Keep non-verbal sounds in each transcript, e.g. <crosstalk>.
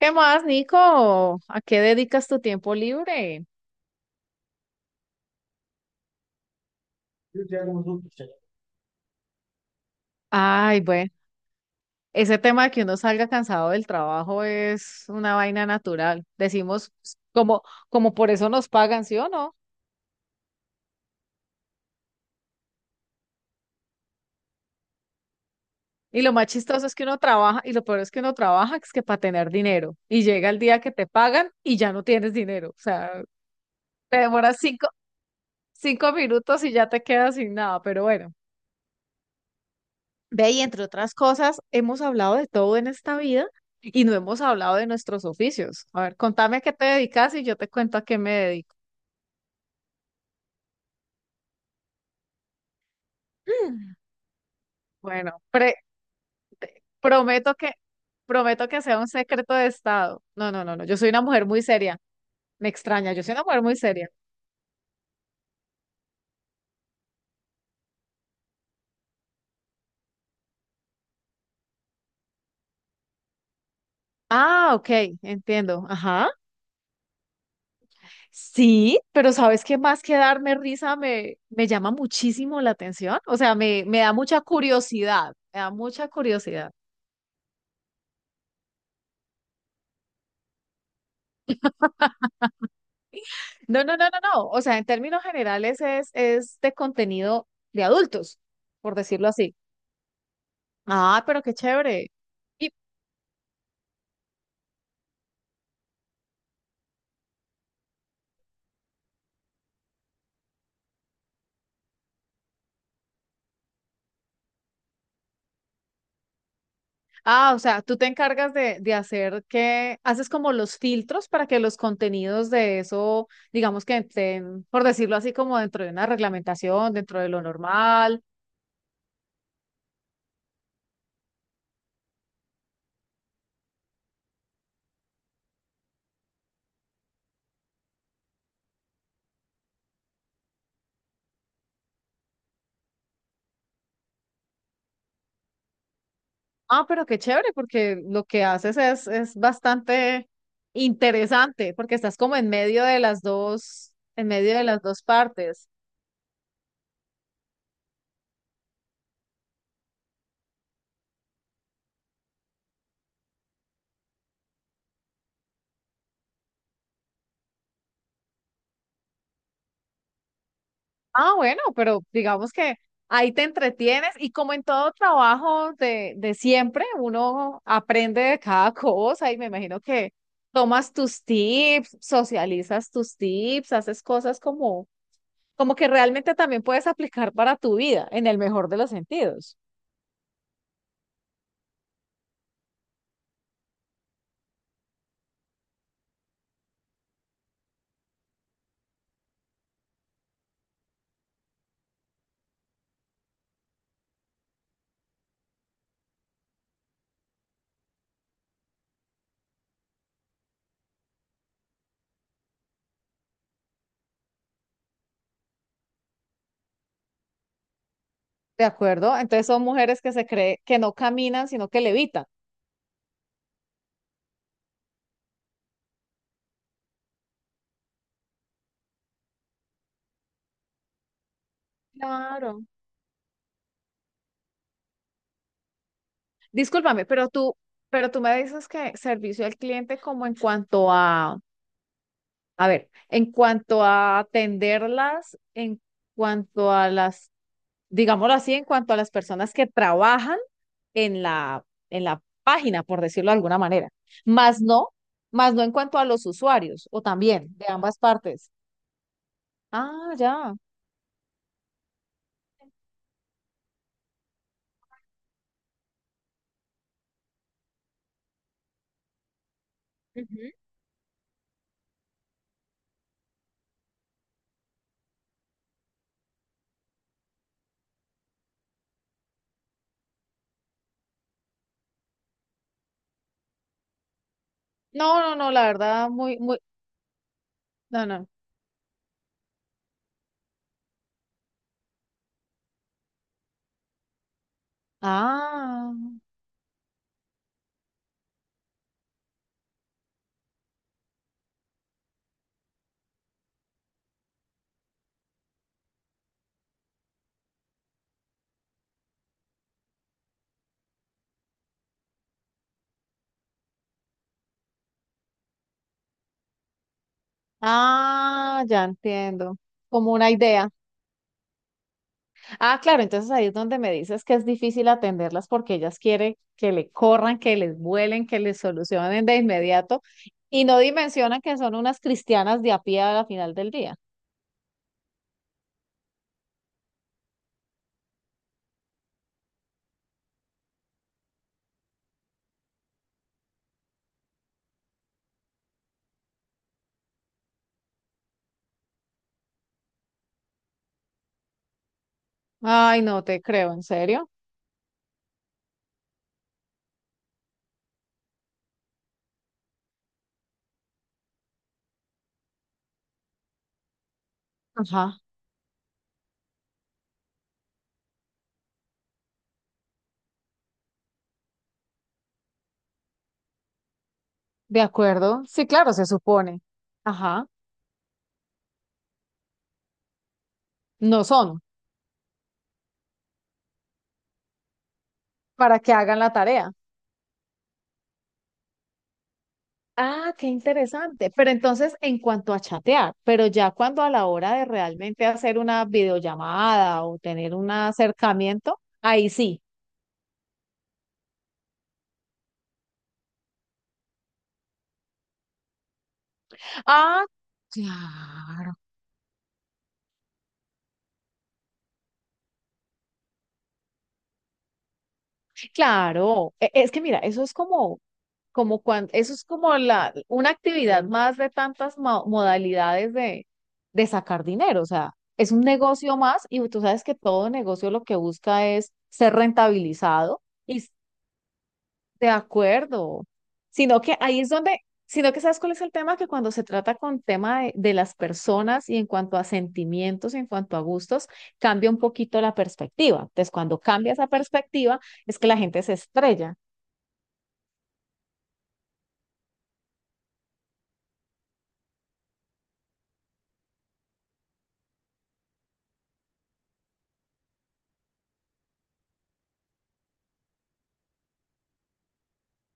¿Qué más, Nico? ¿A qué dedicas tu tiempo libre? Ay, bueno, ese tema de que uno salga cansado del trabajo es una vaina natural. Decimos pues, como, como por eso nos pagan, ¿sí o no? Y lo más chistoso es que uno trabaja, y lo peor es que uno trabaja, es que para tener dinero. Y llega el día que te pagan y ya no tienes dinero. O sea, te demoras cinco minutos y ya te quedas sin nada. Pero bueno. Ve, y entre otras cosas, hemos hablado de todo en esta vida y no hemos hablado de nuestros oficios. A ver, contame a qué te dedicas y yo te cuento a qué me dedico. <clears throat> Mm. Bueno, prometo prometo que sea un secreto de estado. No, no, no, no. Yo soy una mujer muy seria. Me extraña, yo soy una mujer muy seria. Ah, ok, entiendo. Ajá. Sí, pero ¿sabes qué más que darme risa me llama muchísimo la atención? O sea, me da mucha curiosidad. Me da mucha curiosidad. No, no, no, no, no. O sea, en términos generales es de contenido de adultos, por decirlo así. Ah, pero qué chévere. Y, ah, o sea, tú te encargas de hacer que, haces como los filtros para que los contenidos de eso, digamos que estén, por decirlo así, como dentro de una reglamentación, dentro de lo normal. Ah, pero qué chévere, porque lo que haces es bastante interesante, porque estás como en medio de las dos, en medio de las dos partes. Ah, bueno, pero digamos que ahí te entretienes y como en todo trabajo de siempre, uno aprende de cada <laughs> cosa y me imagino que tomas tus tips, socializas tus tips, haces cosas como, como que realmente también puedes aplicar para tu vida, en el mejor de los sentidos. ¿De acuerdo? Entonces son mujeres que se cree que no caminan, sino que levitan. Claro. Discúlpame, pero tú me dices que servicio al cliente como en cuanto a ver, en cuanto a atenderlas, en cuanto a las, digámoslo así, en cuanto a las personas que trabajan en la, en la página, por decirlo de alguna manera. Más no, más no en cuanto a los usuarios, o también de ambas partes. Ah, ya. Ujú. No, no, no, la verdad, muy, muy, no, no. Ah, ah, ya entiendo. Como una idea. Ah, claro, entonces ahí es donde me dices que es difícil atenderlas porque ellas quieren que le corran, que les vuelen, que les solucionen de inmediato y no dimensionan que son unas cristianas de a pie a la final del día. Ay, no te creo, ¿en serio? Ajá, de acuerdo. Sí, claro, se supone. Ajá, no son para que hagan la tarea. Ah, qué interesante. Pero entonces, en cuanto a chatear, pero ya cuando a la hora de realmente hacer una videollamada o tener un acercamiento, ahí sí. Ah, claro, claro. Es que mira, eso es como, como cuando, eso es como la, una actividad más de tantas modalidades de sacar dinero. O sea, es un negocio más y tú sabes que todo negocio lo que busca es ser rentabilizado. De acuerdo. Sino que ahí es donde, sino que sabes cuál es el tema, que cuando se trata con tema de las personas y en cuanto a sentimientos, en cuanto a gustos, cambia un poquito la perspectiva. Entonces, cuando cambia esa perspectiva, es que la gente se estrella.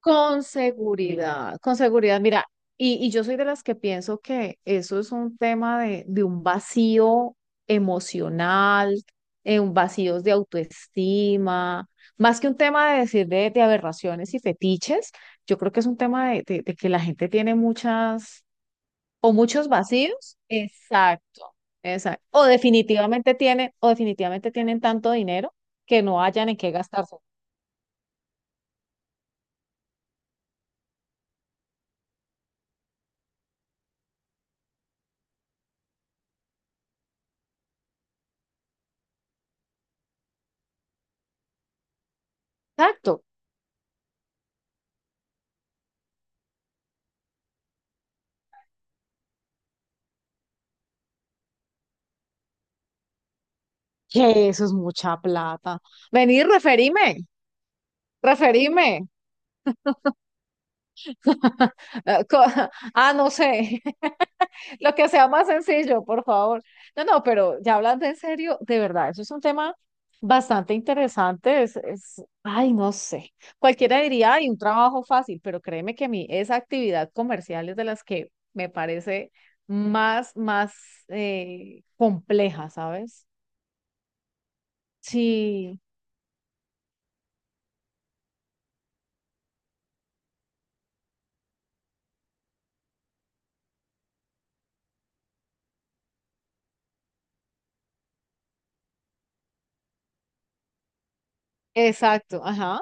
Con seguridad, con seguridad. Mira, y yo soy de las que pienso que eso es un tema de un vacío emocional, un vacío de autoestima, más que un tema de decir de aberraciones y fetiches, yo creo que es un tema de que la gente tiene muchas o muchos vacíos. Exacto, exacto. O definitivamente tienen tanto dinero que no hayan en qué gastarse. Exacto. Que eso es mucha plata. Vení, referime, referime. <laughs> Ah, ah, no sé, <laughs> lo que sea más sencillo, por favor. No, no, pero ya hablando en serio, de verdad, eso es un tema bastante interesante. Ay, no sé. Cualquiera diría, ay, un trabajo fácil, pero créeme que a mí esa actividad comercial es de las que me parece más, más compleja, ¿sabes? Sí, exacto, ajá.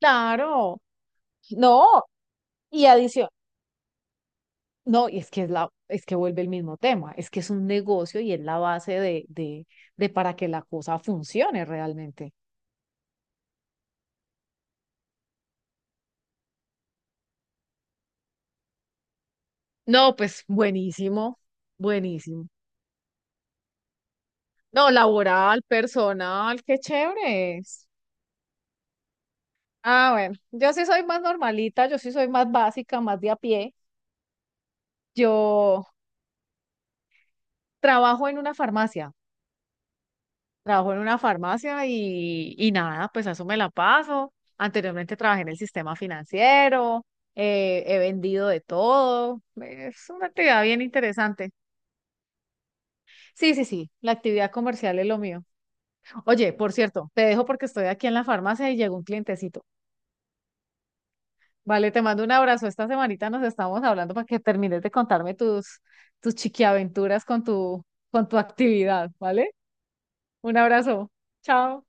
Claro. No, y adición, no, y es que es la, es que vuelve el mismo tema, es que es un negocio y es la base de para que la cosa funcione realmente. No, pues buenísimo, buenísimo. No, laboral, personal, qué chévere. Es. Ah, bueno, yo sí soy más normalita, yo sí soy más básica, más de a pie. Yo trabajo en una farmacia. Trabajo en una farmacia y nada, pues a eso me la paso. Anteriormente trabajé en el sistema financiero, he vendido de todo. Es una actividad bien interesante. Sí, sí, sí, la actividad comercial es lo mío. Oye, por cierto, te dejo porque estoy aquí en la farmacia y llegó un clientecito. Vale, te mando un abrazo. Esta semanita nos estamos hablando para que termines de contarme tus, tus chiquiaventuras con tu actividad, ¿vale? Un abrazo. Chao.